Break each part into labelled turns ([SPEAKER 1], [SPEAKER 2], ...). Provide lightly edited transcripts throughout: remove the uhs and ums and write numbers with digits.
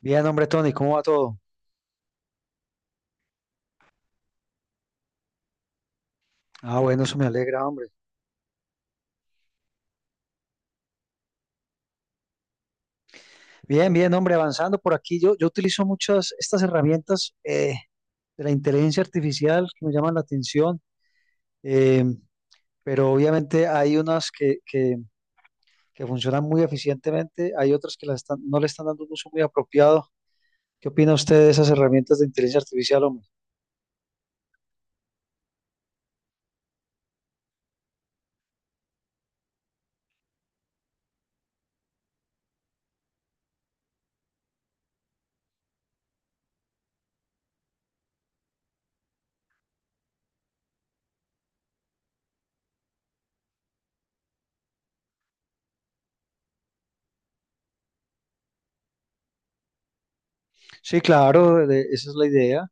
[SPEAKER 1] Bien, hombre, Tony, ¿cómo va todo? Ah, bueno, eso me alegra, hombre. Bien, bien, hombre, avanzando por aquí. Yo utilizo muchas estas herramientas de la inteligencia artificial que me llaman la atención, eh, pero obviamente hay unas que que funcionan muy eficientemente, hay otras que las están, no le están dando un uso muy apropiado. ¿Qué opina usted de esas herramientas de inteligencia artificial, hombre? Sí, claro, esa es la idea.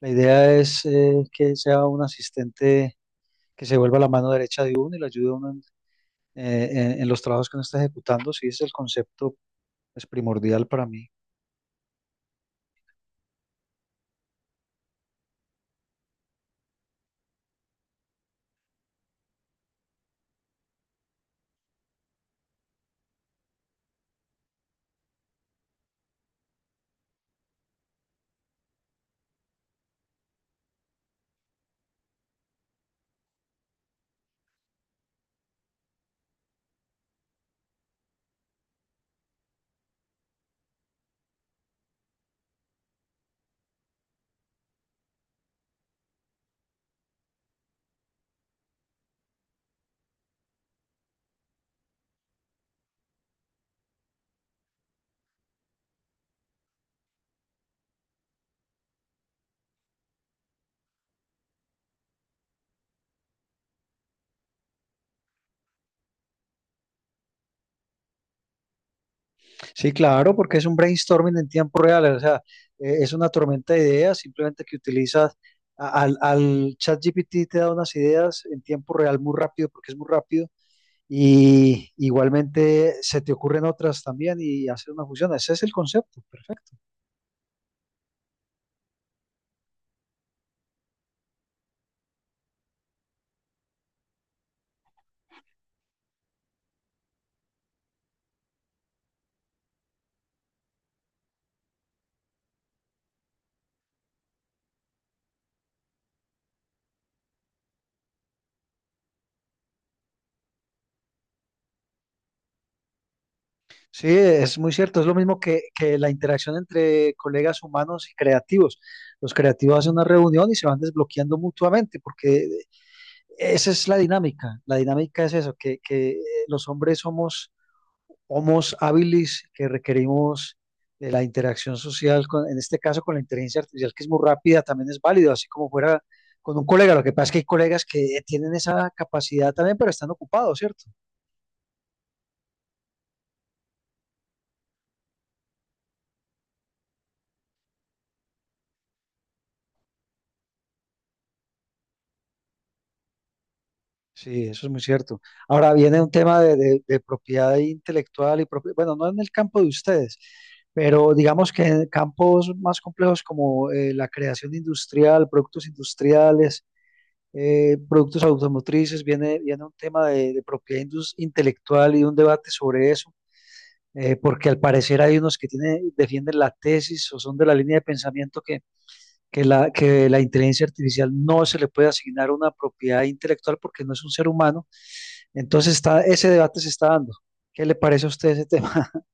[SPEAKER 1] La idea es que sea un asistente que se vuelva la mano derecha de uno y le ayude a uno en los trabajos que uno está ejecutando, sí, es el concepto es primordial para mí. Sí, claro, porque es un brainstorming en tiempo real, o sea, es una tormenta de ideas, simplemente que utilizas al ChatGPT te da unas ideas en tiempo real muy rápido, porque es muy rápido, y igualmente se te ocurren otras también y hacer una fusión. Ese es el concepto, perfecto. Sí, es muy cierto, es lo mismo que la interacción entre colegas humanos y creativos. Los creativos hacen una reunión y se van desbloqueando mutuamente, porque esa es la dinámica. La dinámica es eso, que los hombres somos homos habilis que requerimos de la interacción social, en este caso con la inteligencia artificial, que es muy rápida, también es válido, así como fuera con un colega. Lo que pasa es que hay colegas que tienen esa capacidad también, pero están ocupados, ¿cierto? Sí, eso es muy cierto. Ahora viene un tema de, de propiedad intelectual y bueno, no en el campo de ustedes, pero digamos que en campos más complejos como la creación industrial, productos industriales, productos automotrices, viene un tema de propiedad intelectual y un debate sobre eso, porque al parecer hay unos que tienen, defienden la tesis o son de la línea de pensamiento que la inteligencia artificial no se le puede asignar una propiedad intelectual porque no es un ser humano entonces está, ese debate se está dando. ¿Qué le parece a usted ese tema?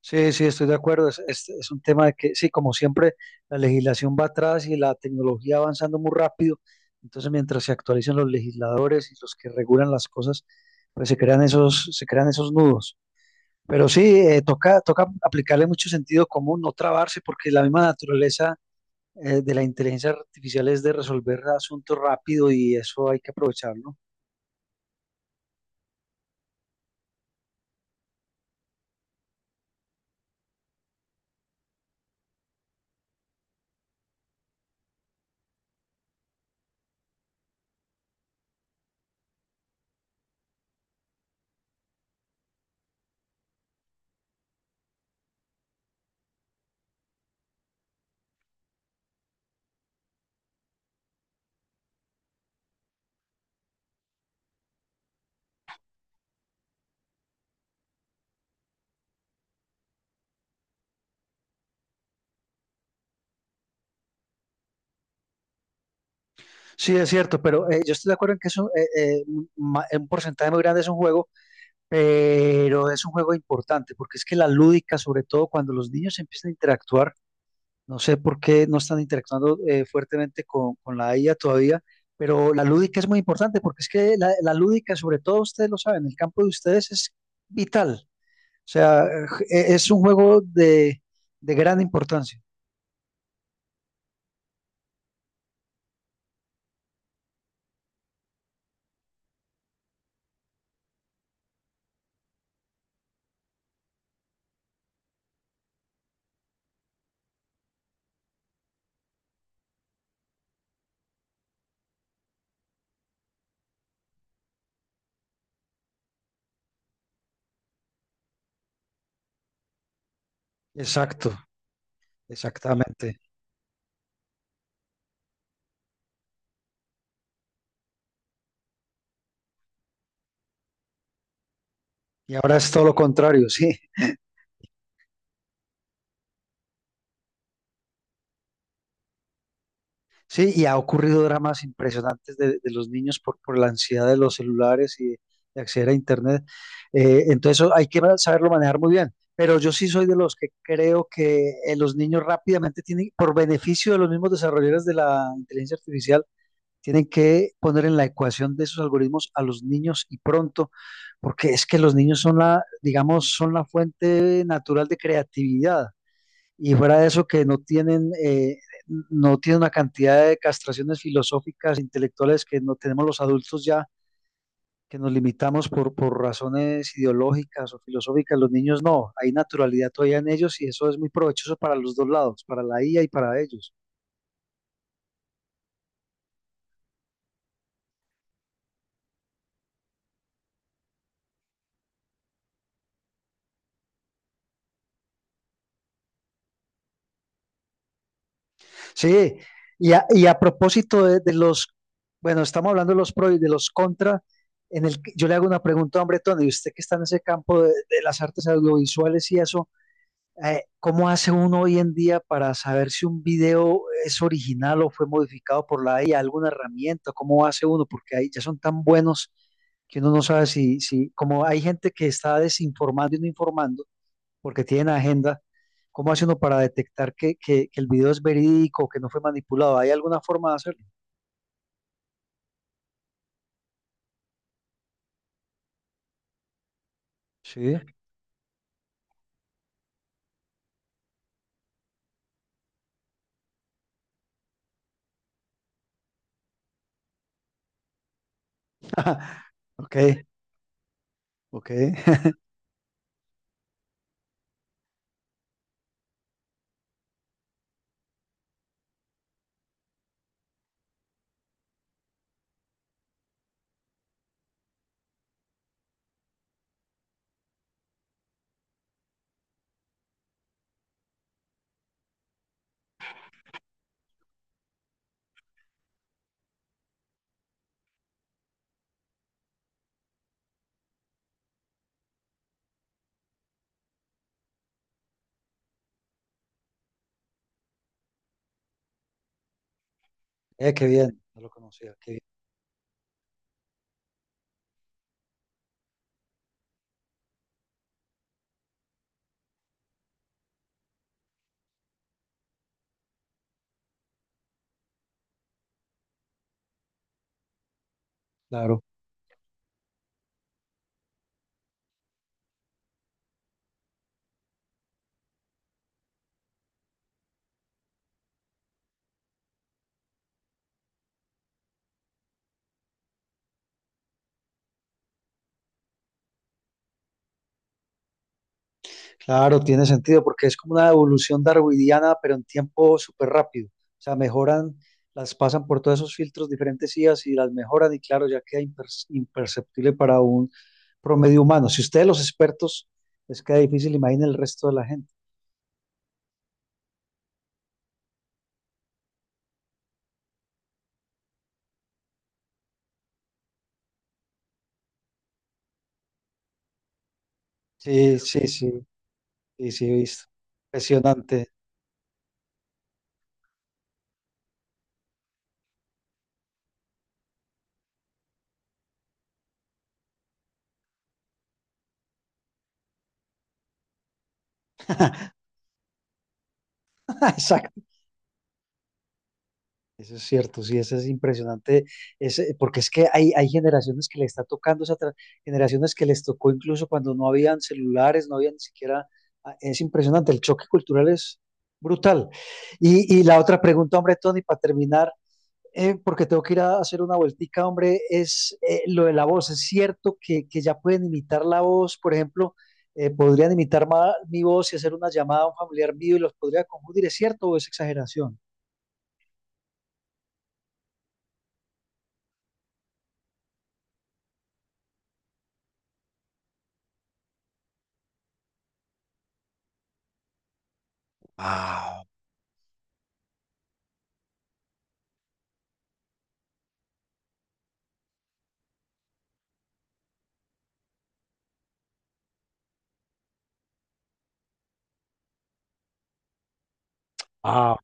[SPEAKER 1] Sí, sí, estoy de acuerdo. Es, es un tema de que, sí, como siempre, la legislación va atrás y la tecnología va avanzando muy rápido. Entonces, mientras se actualizan los legisladores y los que regulan las cosas, pues se crean esos nudos. Pero sí, toca, toca aplicarle mucho sentido común, no trabarse, porque la misma naturaleza, de la inteligencia artificial es de resolver asuntos rápido y eso hay que aprovecharlo. Sí, es cierto, pero yo estoy de acuerdo en que es un, un porcentaje muy grande es un juego, pero es un juego importante, porque es que la lúdica, sobre todo cuando los niños empiezan a interactuar, no sé por qué no están interactuando fuertemente con la IA todavía, pero la lúdica es muy importante, porque es que la lúdica, sobre todo ustedes lo saben, el campo de ustedes es vital, o sea, es un juego de gran importancia. Exacto, exactamente. Y ahora es todo lo contrario, sí. Sí, y ha ocurrido dramas impresionantes de los niños por la ansiedad de los celulares y de, acceder a Internet. Entonces eso hay que saberlo manejar muy bien. Pero yo sí soy de los que creo que los niños rápidamente tienen, por beneficio de los mismos desarrolladores de la inteligencia artificial, tienen que poner en la ecuación de esos algoritmos a los niños y pronto, porque es que los niños son la, digamos, son la fuente natural de creatividad. Y fuera de eso, que no tienen, no tienen una cantidad de castraciones filosóficas, intelectuales que no tenemos los adultos ya, que nos limitamos por razones ideológicas o filosóficas. Los niños no, hay naturalidad todavía en ellos y eso es muy provechoso para los dos lados, para la IA y para ellos. Sí, y a propósito de, los, bueno, estamos hablando de los pro y de los contra. En el, yo le hago una pregunta, hombre, Tony, y usted que está en ese campo de las artes audiovisuales y eso, ¿cómo hace uno hoy en día para saber si un video es original o fue modificado por la IA, alguna herramienta? ¿Cómo hace uno? Porque ahí ya son tan buenos que uno no sabe si, si, como hay gente que está desinformando y no informando porque tienen agenda, ¿cómo hace uno para detectar que el video es verídico, que no fue manipulado? ¿Hay alguna forma de hacerlo? Sí. Ok, ok. Qué bien, no lo conocía, qué bien. Claro. Claro, tiene sentido porque es como una evolución darwiniana, pero en tiempo súper rápido. O sea, mejoran, las pasan por todos esos filtros diferentes IAs y las mejoran y claro, ya queda imperceptible para un promedio humano. Si ustedes los expertos, les queda difícil, imaginen el resto de la gente. Sí, sí, sí, sí, he visto. Impresionante. Exacto. Eso es cierto, sí, eso es impresionante, porque es que hay generaciones que le está tocando, generaciones que les tocó incluso cuando no habían celulares, no había ni siquiera, ah, es impresionante, el choque cultural es brutal. Y la otra pregunta, hombre, Tony, para terminar, porque tengo que ir a hacer una vueltica, hombre, es lo de la voz, ¿es cierto que ya pueden imitar la voz, por ejemplo, podrían imitar mi voz y hacer una llamada a un familiar mío y los podría confundir, ¿es cierto o es exageración? Ah,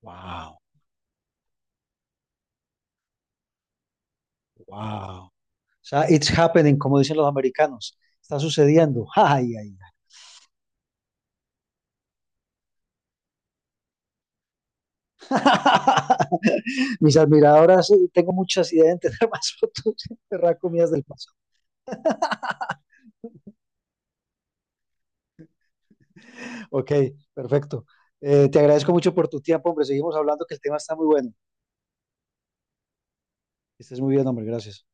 [SPEAKER 1] wow, wow. O sea, it's happening, como dicen los americanos. Está sucediendo. Ay, ay, ay. Mis admiradoras, tengo muchas ideas de entender más fotos de comidas del pasado. Ok, perfecto. Te agradezco mucho por tu tiempo, hombre. Seguimos hablando que el tema está muy bueno. Que estés muy bien, hombre. Gracias.